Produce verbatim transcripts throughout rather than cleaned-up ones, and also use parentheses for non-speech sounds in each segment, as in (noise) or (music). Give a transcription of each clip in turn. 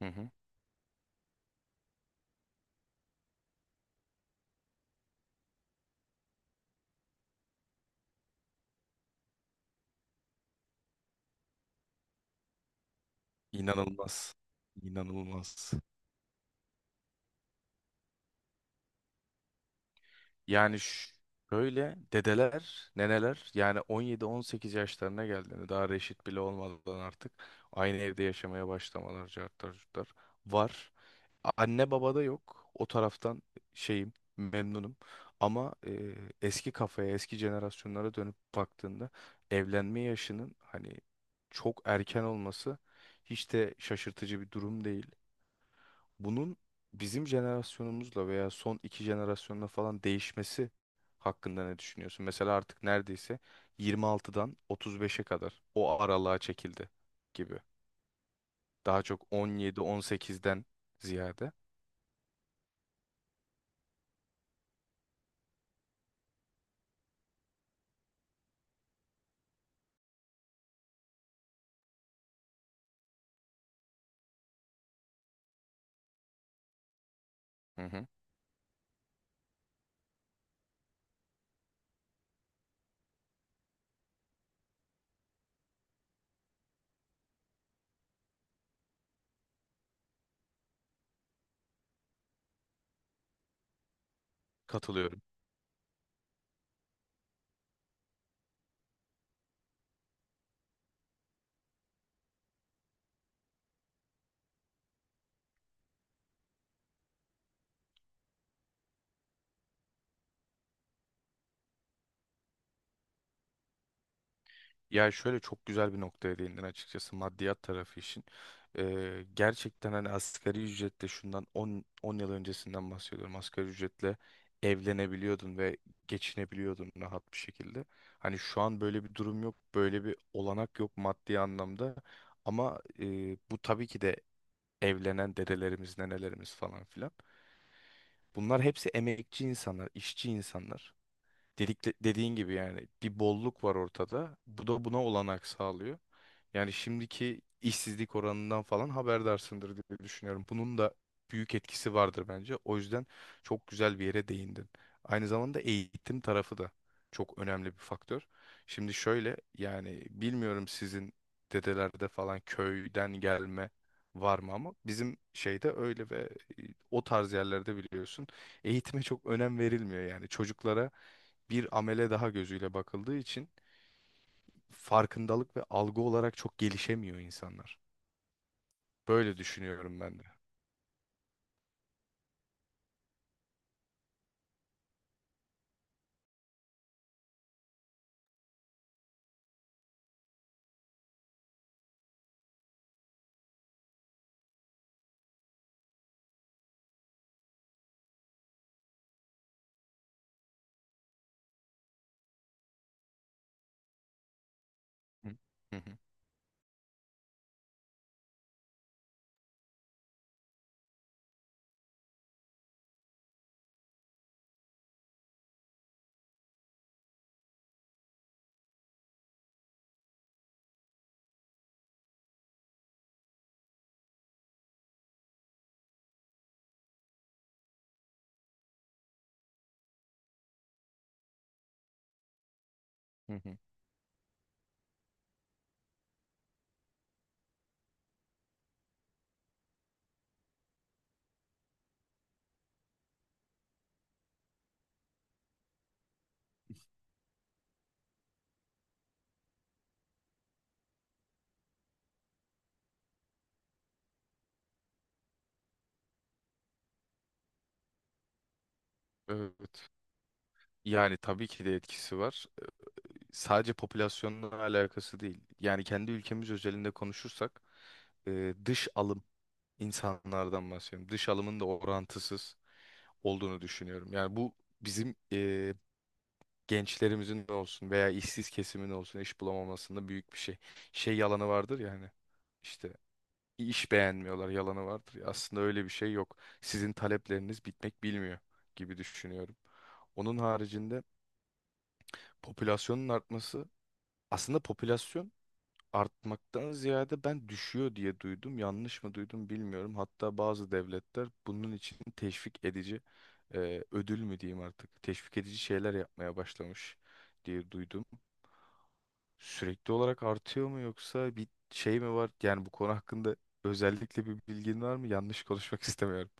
Hı hı. İnanılmaz. İnanılmaz. Yani ş- şöyle dedeler, neneler yani on yedi on sekiz yaşlarına geldiğinde daha reşit bile olmadan artık aynı evde yaşamaya başlamalar cartlar curtlar var. Anne babada yok. O taraftan şeyim memnunum. Ama e, eski kafaya, eski jenerasyonlara dönüp baktığında evlenme yaşının hani çok erken olması hiç de şaşırtıcı bir durum değil. Bunun bizim jenerasyonumuzla veya son iki jenerasyonla falan değişmesi hakkında ne düşünüyorsun? Mesela artık neredeyse yirmi altıdan otuz beşe kadar o aralığa çekildi gibi. Daha çok on yedi on sekizden ziyade. Hı hı. Katılıyorum. Ya şöyle çok güzel bir noktaya değindin açıkçası maddiyat tarafı için. Ee, gerçekten hani asgari ücretle şundan on on yıl öncesinden bahsediyorum. Asgari ücretle evlenebiliyordun ve geçinebiliyordun rahat bir şekilde. Hani şu an böyle bir durum yok, böyle bir olanak yok maddi anlamda. Ama e, bu tabii ki de evlenen dedelerimiz, nenelerimiz falan filan. Bunlar hepsi emekçi insanlar, işçi insanlar. Dedik, dediğin gibi yani bir bolluk var ortada. Bu da buna olanak sağlıyor. Yani şimdiki işsizlik oranından falan haberdarsındır diye düşünüyorum. Bunun da büyük etkisi vardır bence. O yüzden çok güzel bir yere değindin. Aynı zamanda eğitim tarafı da çok önemli bir faktör. Şimdi şöyle yani bilmiyorum sizin dedelerde falan köyden gelme var mı ama bizim şeyde öyle ve e, o tarz yerlerde biliyorsun eğitime çok önem verilmiyor yani çocuklara bir amele daha gözüyle bakıldığı için farkındalık ve algı olarak çok gelişemiyor insanlar. Böyle düşünüyorum ben de. Hı hı hı. Hı hı. Evet. Yani tabii ki de etkisi var. Ee, Sadece popülasyonla alakası değil. Yani kendi ülkemiz özelinde konuşursak e, dış alım insanlardan bahsediyorum. Dış alımın da orantısız olduğunu düşünüyorum. Yani bu bizim e, gençlerimizin de olsun veya işsiz kesimin olsun iş bulamamasında büyük bir şey. Şey yalanı vardır yani hani işte iş beğenmiyorlar yalanı vardır ya. Aslında öyle bir şey yok. Sizin talepleriniz bitmek bilmiyor gibi düşünüyorum. Onun haricinde popülasyonun artması aslında popülasyon artmaktan ziyade ben düşüyor diye duydum. Yanlış mı duydum bilmiyorum. Hatta bazı devletler bunun için teşvik edici e, ödül mü diyeyim artık teşvik edici şeyler yapmaya başlamış diye duydum. Sürekli olarak artıyor mu yoksa bir şey mi var? Yani bu konu hakkında özellikle bir bilgin var mı? Yanlış konuşmak (laughs) istemiyorum.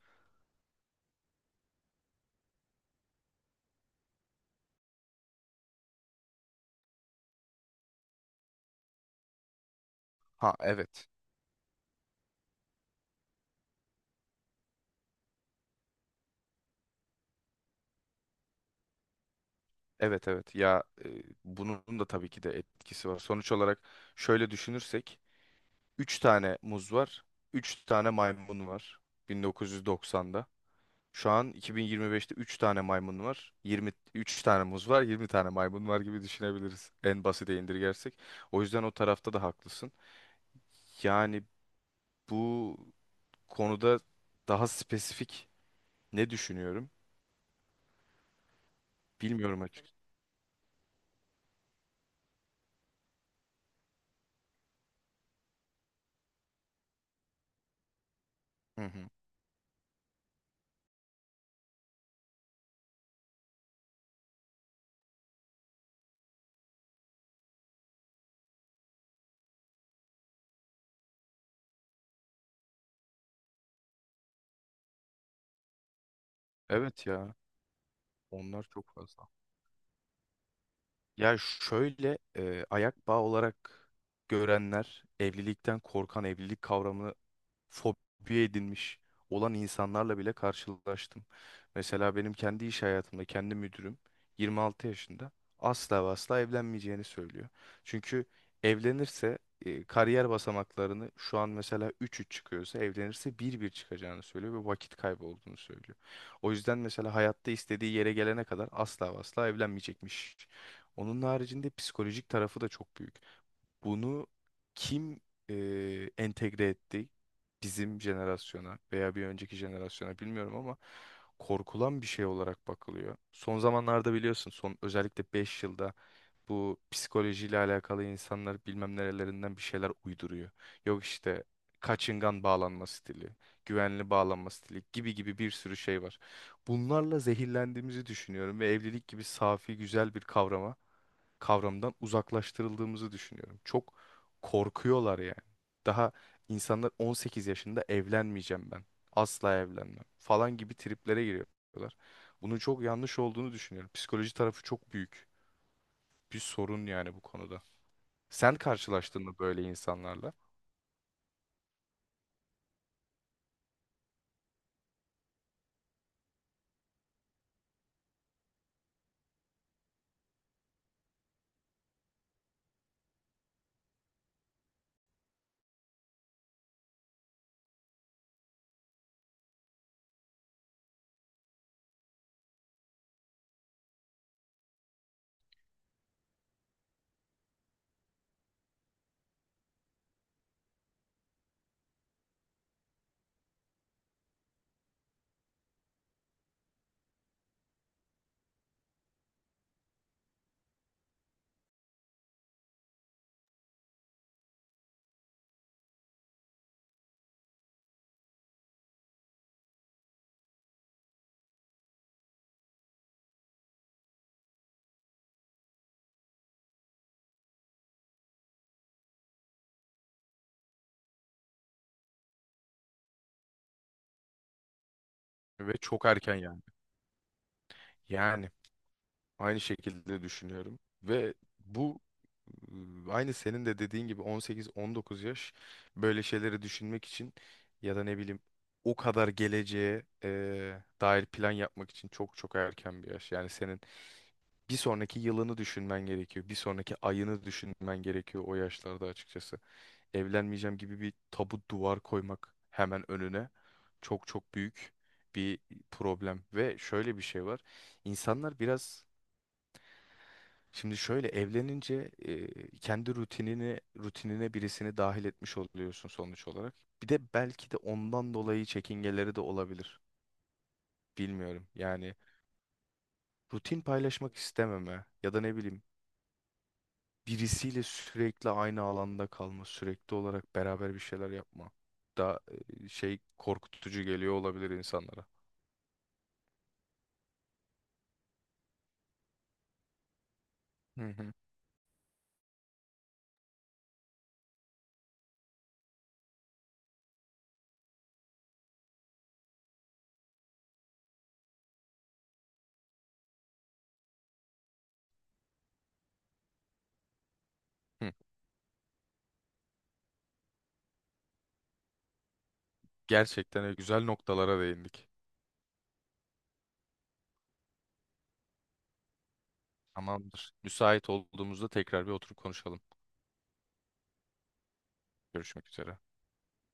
Ha evet. Evet evet ya e, bunun da tabii ki de etkisi var. Sonuç olarak şöyle düşünürsek üç tane muz var, üç tane maymun var bin dokuz yüz doksanda. Şu an iki bin yirmi beşte üç tane maymun var, yirmi üç tane muz var, yirmi tane maymun var gibi düşünebiliriz en basite indirgersek. O yüzden o tarafta da haklısın. Yani bu konuda daha spesifik ne düşünüyorum bilmiyorum açıkçası. Hı hı. Evet ya onlar çok fazla. Ya şöyle e, ayak bağı olarak görenler evlilikten korkan, evlilik kavramını fobi edinmiş olan insanlarla bile karşılaştım. Mesela benim kendi iş hayatımda kendi müdürüm yirmi altı yaşında asla ve asla evlenmeyeceğini söylüyor. Çünkü evlenirse e, kariyer basamaklarını şu an mesela üç üç çıkıyorsa evlenirse bir bir çıkacağını söylüyor ve vakit kaybı olduğunu söylüyor. O yüzden mesela hayatta istediği yere gelene kadar asla ve asla evlenmeyecekmiş. Onun haricinde psikolojik tarafı da çok büyük. Bunu kim e, entegre etti? Bizim jenerasyona veya bir önceki jenerasyona bilmiyorum ama korkulan bir şey olarak bakılıyor. Son zamanlarda biliyorsun son özellikle beş yılda bu psikolojiyle alakalı insanlar bilmem nerelerinden bir şeyler uyduruyor. Yok işte kaçıngan bağlanma stili, güvenli bağlanma stili gibi gibi bir sürü şey var. Bunlarla zehirlendiğimizi düşünüyorum ve evlilik gibi safi güzel bir kavrama kavramından uzaklaştırıldığımızı düşünüyorum. Çok korkuyorlar yani. Daha insanlar on sekiz yaşında evlenmeyeceğim ben. Asla evlenmem falan gibi triplere giriyorlar. Bunun çok yanlış olduğunu düşünüyorum. Psikoloji tarafı çok büyük bir sorun yani bu konuda. Sen karşılaştın mı böyle insanlarla? Ve çok erken yani. Yani aynı şekilde düşünüyorum. Ve bu e, aynı senin de dediğin gibi on sekiz on dokuz yaş böyle şeyleri düşünmek için ya da ne bileyim o kadar geleceğe e, dair plan yapmak için çok çok erken bir yaş. Yani senin bir sonraki yılını düşünmen gerekiyor. Bir sonraki ayını düşünmen gerekiyor o yaşlarda açıkçası. Evlenmeyeceğim gibi bir tabu duvar koymak hemen önüne çok çok büyük bir problem. Ve şöyle bir şey var. İnsanlar biraz Şimdi şöyle evlenince e, kendi rutinini rutinine birisini dahil etmiş oluyorsun sonuç olarak. Bir de belki de ondan dolayı çekingeleri de olabilir. Bilmiyorum. Yani rutin paylaşmak istememe ya da ne bileyim birisiyle sürekli aynı alanda kalma, sürekli olarak beraber bir şeyler yapma da e, şey korkutucu geliyor olabilir insanlara. Hı hı. Hı. Gerçekten öyle güzel noktalara değindik. Tamamdır. Müsait olduğumuzda tekrar bir oturup konuşalım. Görüşmek üzere.